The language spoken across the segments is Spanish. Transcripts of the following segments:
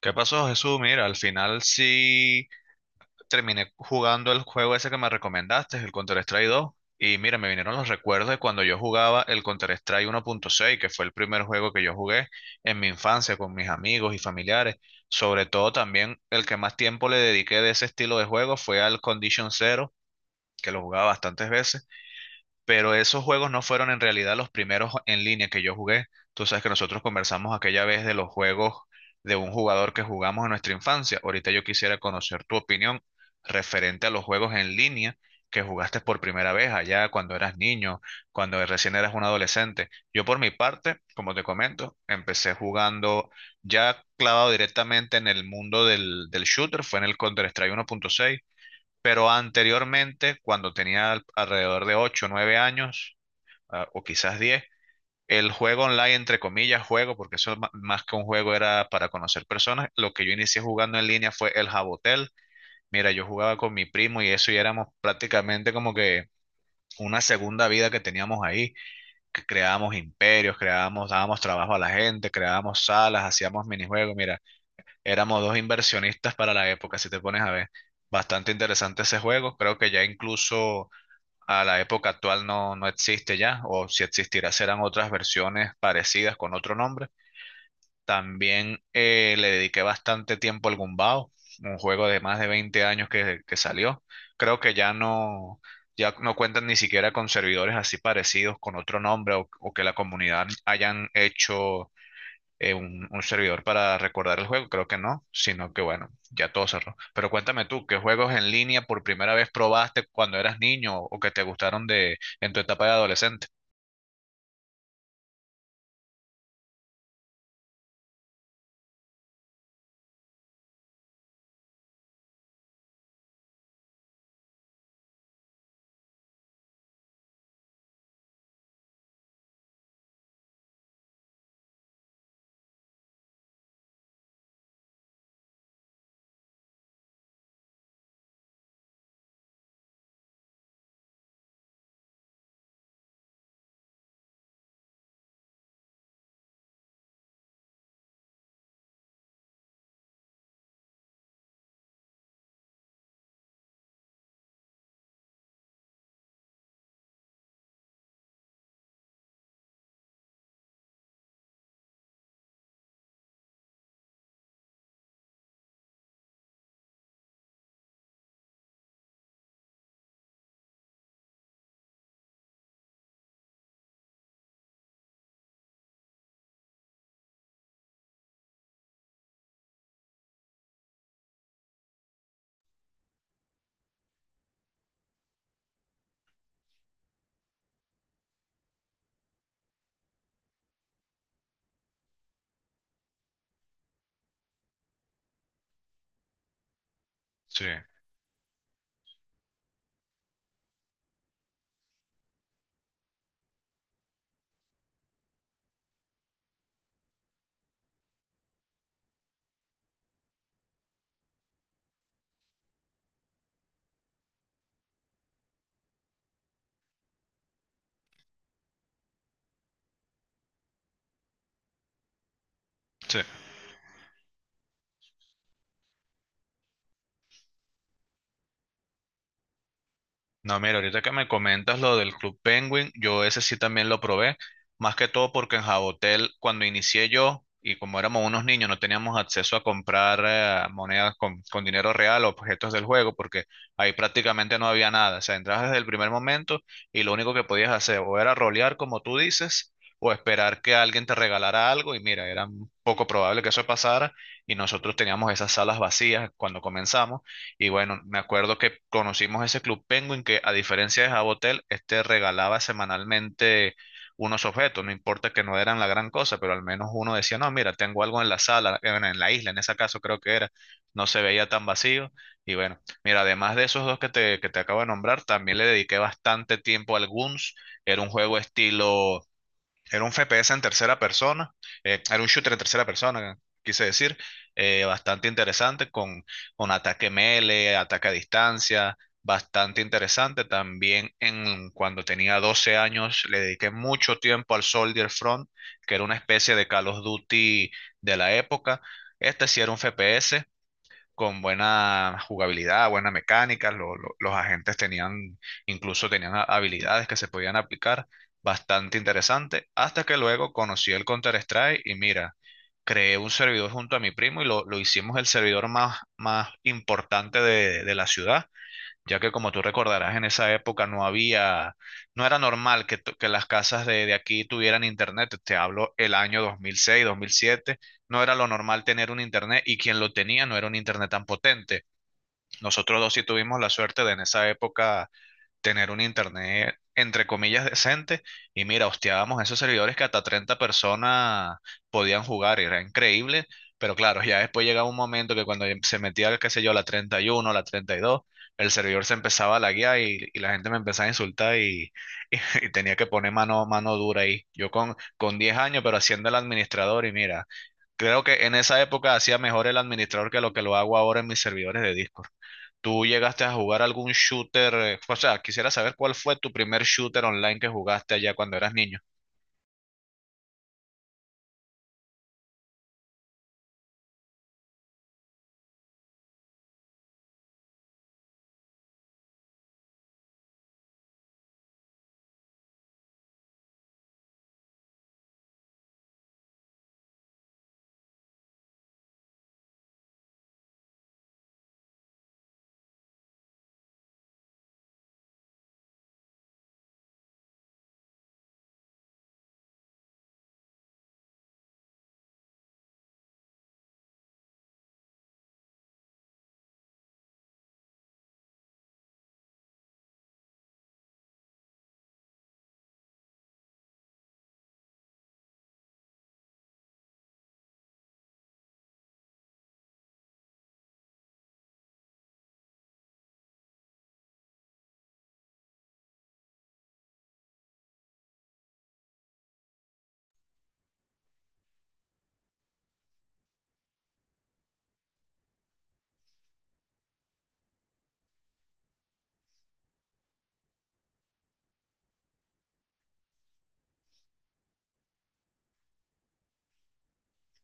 ¿Qué pasó, Jesús? Mira, al final sí terminé jugando el juego ese que me recomendaste, el Counter-Strike 2. Y mira, me vinieron los recuerdos de cuando yo jugaba el Counter-Strike 1.6, que fue el primer juego que yo jugué en mi infancia con mis amigos y familiares. Sobre todo también el que más tiempo le dediqué de ese estilo de juego fue al Condition Zero, que lo jugaba bastantes veces pero esos juegos no fueron en realidad los primeros en línea que yo jugué. Tú sabes que nosotros conversamos aquella vez de los juegos de un jugador que jugamos en nuestra infancia. Ahorita yo quisiera conocer tu opinión referente a los juegos en línea que jugaste por primera vez allá cuando eras niño, cuando recién eras un adolescente. Yo por mi parte, como te comento, empecé jugando ya clavado directamente en el mundo del shooter, fue en el Counter-Strike 1.6 pero anteriormente, cuando tenía alrededor de 8 9 años, o quizás 10. El juego online, entre comillas, juego, porque eso más que un juego era para conocer personas, lo que yo inicié jugando en línea fue el Jabotel. Mira, yo jugaba con mi primo y eso y éramos prácticamente como que una segunda vida que teníamos ahí, que creábamos imperios, creábamos, dábamos trabajo a la gente, creábamos salas, hacíamos minijuegos. Mira, éramos dos inversionistas para la época, si te pones a ver. Bastante interesante ese juego. Creo que ya incluso a la época actual no, no existe ya, o si existirá serán otras versiones parecidas con otro nombre. También le dediqué bastante tiempo al Gumbao, un juego de más de 20 años que salió. Creo que ya no, ya no cuentan ni siquiera con servidores así parecidos con otro nombre o que la comunidad hayan hecho un servidor para recordar el juego, creo que no, sino que bueno, ya todo cerró. Pero cuéntame tú, ¿qué juegos en línea por primera vez probaste cuando eras niño o que te gustaron de en tu etapa de adolescente? Sí, sí. No, mira, ahorita que me comentas lo del Club Penguin, yo ese sí también lo probé, más que todo porque en Jabotel, cuando inicié yo, y como éramos unos niños, no teníamos acceso a comprar monedas con dinero real o objetos del juego, porque ahí prácticamente no había nada. O sea, entrabas desde el primer momento y lo único que podías hacer o era rolear, como tú dices, o esperar que alguien te regalara algo, y mira, era un poco probable que eso pasara, y nosotros teníamos esas salas vacías cuando comenzamos. Y bueno, me acuerdo que conocimos ese Club Penguin que a diferencia de Jabotel, este regalaba semanalmente unos objetos, no importa que no eran la gran cosa, pero al menos uno decía, no, mira, tengo algo en la sala, en la isla, en ese caso creo que era, no se veía tan vacío. Y bueno, mira, además de esos dos que te acabo de nombrar, también le dediqué bastante tiempo al Guns, era un juego estilo era un FPS en tercera persona, era un shooter en tercera persona, quise decir, bastante interesante con ataque melee, ataque a distancia, bastante interesante. También en, cuando tenía 12 años le dediqué mucho tiempo al Soldier Front, que era una especie de Call of Duty de la época. Este sí era un FPS, con buena jugabilidad, buena mecánica, los agentes tenían, incluso tenían habilidades que se podían aplicar, bastante interesante, hasta que luego conocí el Counter-Strike y mira, creé un servidor junto a mi primo y lo hicimos el servidor más, más importante de la ciudad ya que como tú recordarás, en esa época no había, no era normal que, que las casas de aquí tuvieran internet. Te hablo el año 2006 2007 no era lo normal tener un internet y quien lo tenía no era un internet tan potente. Nosotros dos sí tuvimos la suerte de en esa época tener un internet, entre comillas, decente. Y mira, hosteábamos esos servidores que hasta 30 personas podían jugar, era increíble. Pero claro, ya después llegaba un momento que cuando se metía, qué sé yo, la 31 la 32, el servidor se empezaba a laguear y la gente me empezaba a insultar y- y tenía que poner mano, mano dura ahí. Yo con 10 años, pero haciendo el administrador y mira, creo que en esa época hacía mejor el administrador que lo hago ahora en mis servidores de disco. ¿Tú llegaste a jugar algún shooter? O sea, quisiera saber cuál fue tu primer shooter online que jugaste allá cuando eras niño.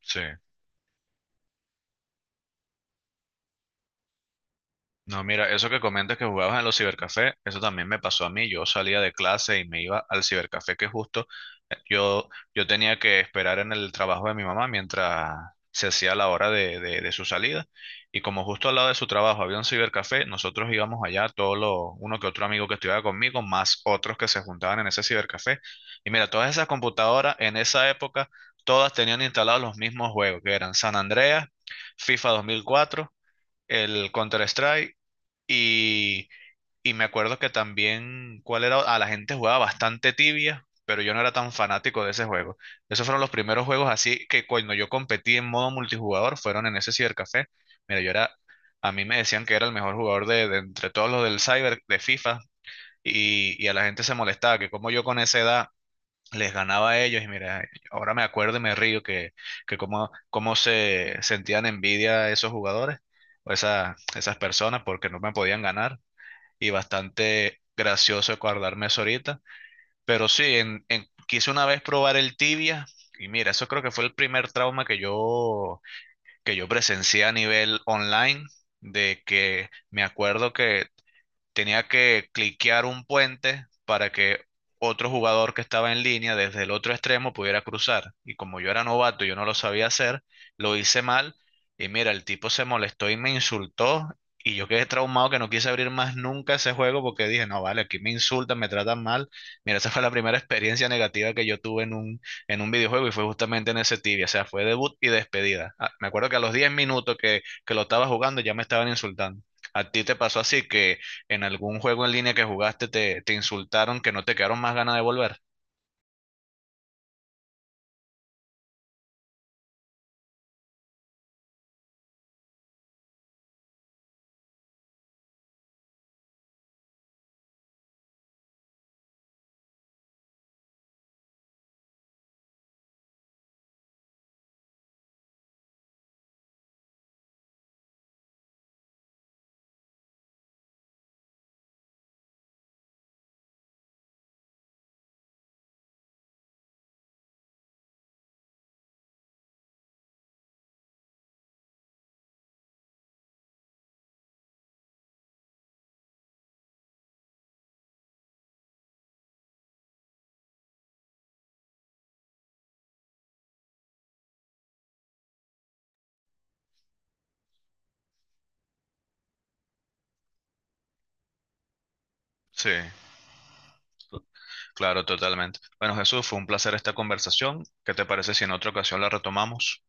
Sí. No, mira, eso que comentas que jugabas en los cibercafés, eso también me pasó a mí. Yo salía de clase y me iba al cibercafé que justo eh, yo, yo tenía que esperar en el trabajo de mi mamá mientras se hacía la hora de, de su salida. Y como justo al lado de su trabajo había un cibercafé, nosotros íbamos allá, todos los, uno que otro amigo que estudiaba conmigo, más otros que se juntaban en ese cibercafé. Y mira, todas esas computadoras en esa época, todas tenían instalados los mismos juegos, que eran San Andreas, FIFA 2004, el Counter-Strike y, y me acuerdo que también, ¿cuál era? Ah, la gente jugaba bastante tibia, pero yo no era tan fanático de ese juego. Esos fueron los primeros juegos así que cuando yo competí en modo multijugador fueron en ese cibercafé. Mira, yo era, a mí me decían que era el mejor jugador de entre todos los del cyber de FIFA y a la gente se molestaba que como yo con esa edad les ganaba a ellos y mira, ahora me acuerdo y me río que cómo, cómo se sentían envidia esos jugadores o esas personas porque no me podían ganar y bastante gracioso acordarme eso ahorita. Pero sí, en, quise una vez probar el tibia y mira, eso creo que fue el primer trauma que yo presencié a nivel online, de que me acuerdo que tenía que cliquear un puente para que otro jugador que estaba en línea desde el otro extremo pudiera cruzar. Y como yo era novato, yo no lo sabía hacer, lo hice mal. Y mira, el tipo se molestó y me insultó. Y yo quedé traumado que no quise abrir más nunca ese juego porque dije, no, vale, aquí me insultan, me tratan mal. Mira, esa fue la primera experiencia negativa que yo tuve en un videojuego y fue justamente en ese Tibia. O sea, fue debut y despedida. Ah, me acuerdo que a los 10 minutos que lo estaba jugando ya me estaban insultando. ¿A ti te pasó así que en algún juego en línea que jugaste te, te insultaron que no te quedaron más ganas de volver? Sí, to- claro, totalmente. Bueno, Jesús, fue un placer esta conversación. ¿Qué te parece si en otra ocasión la retomamos?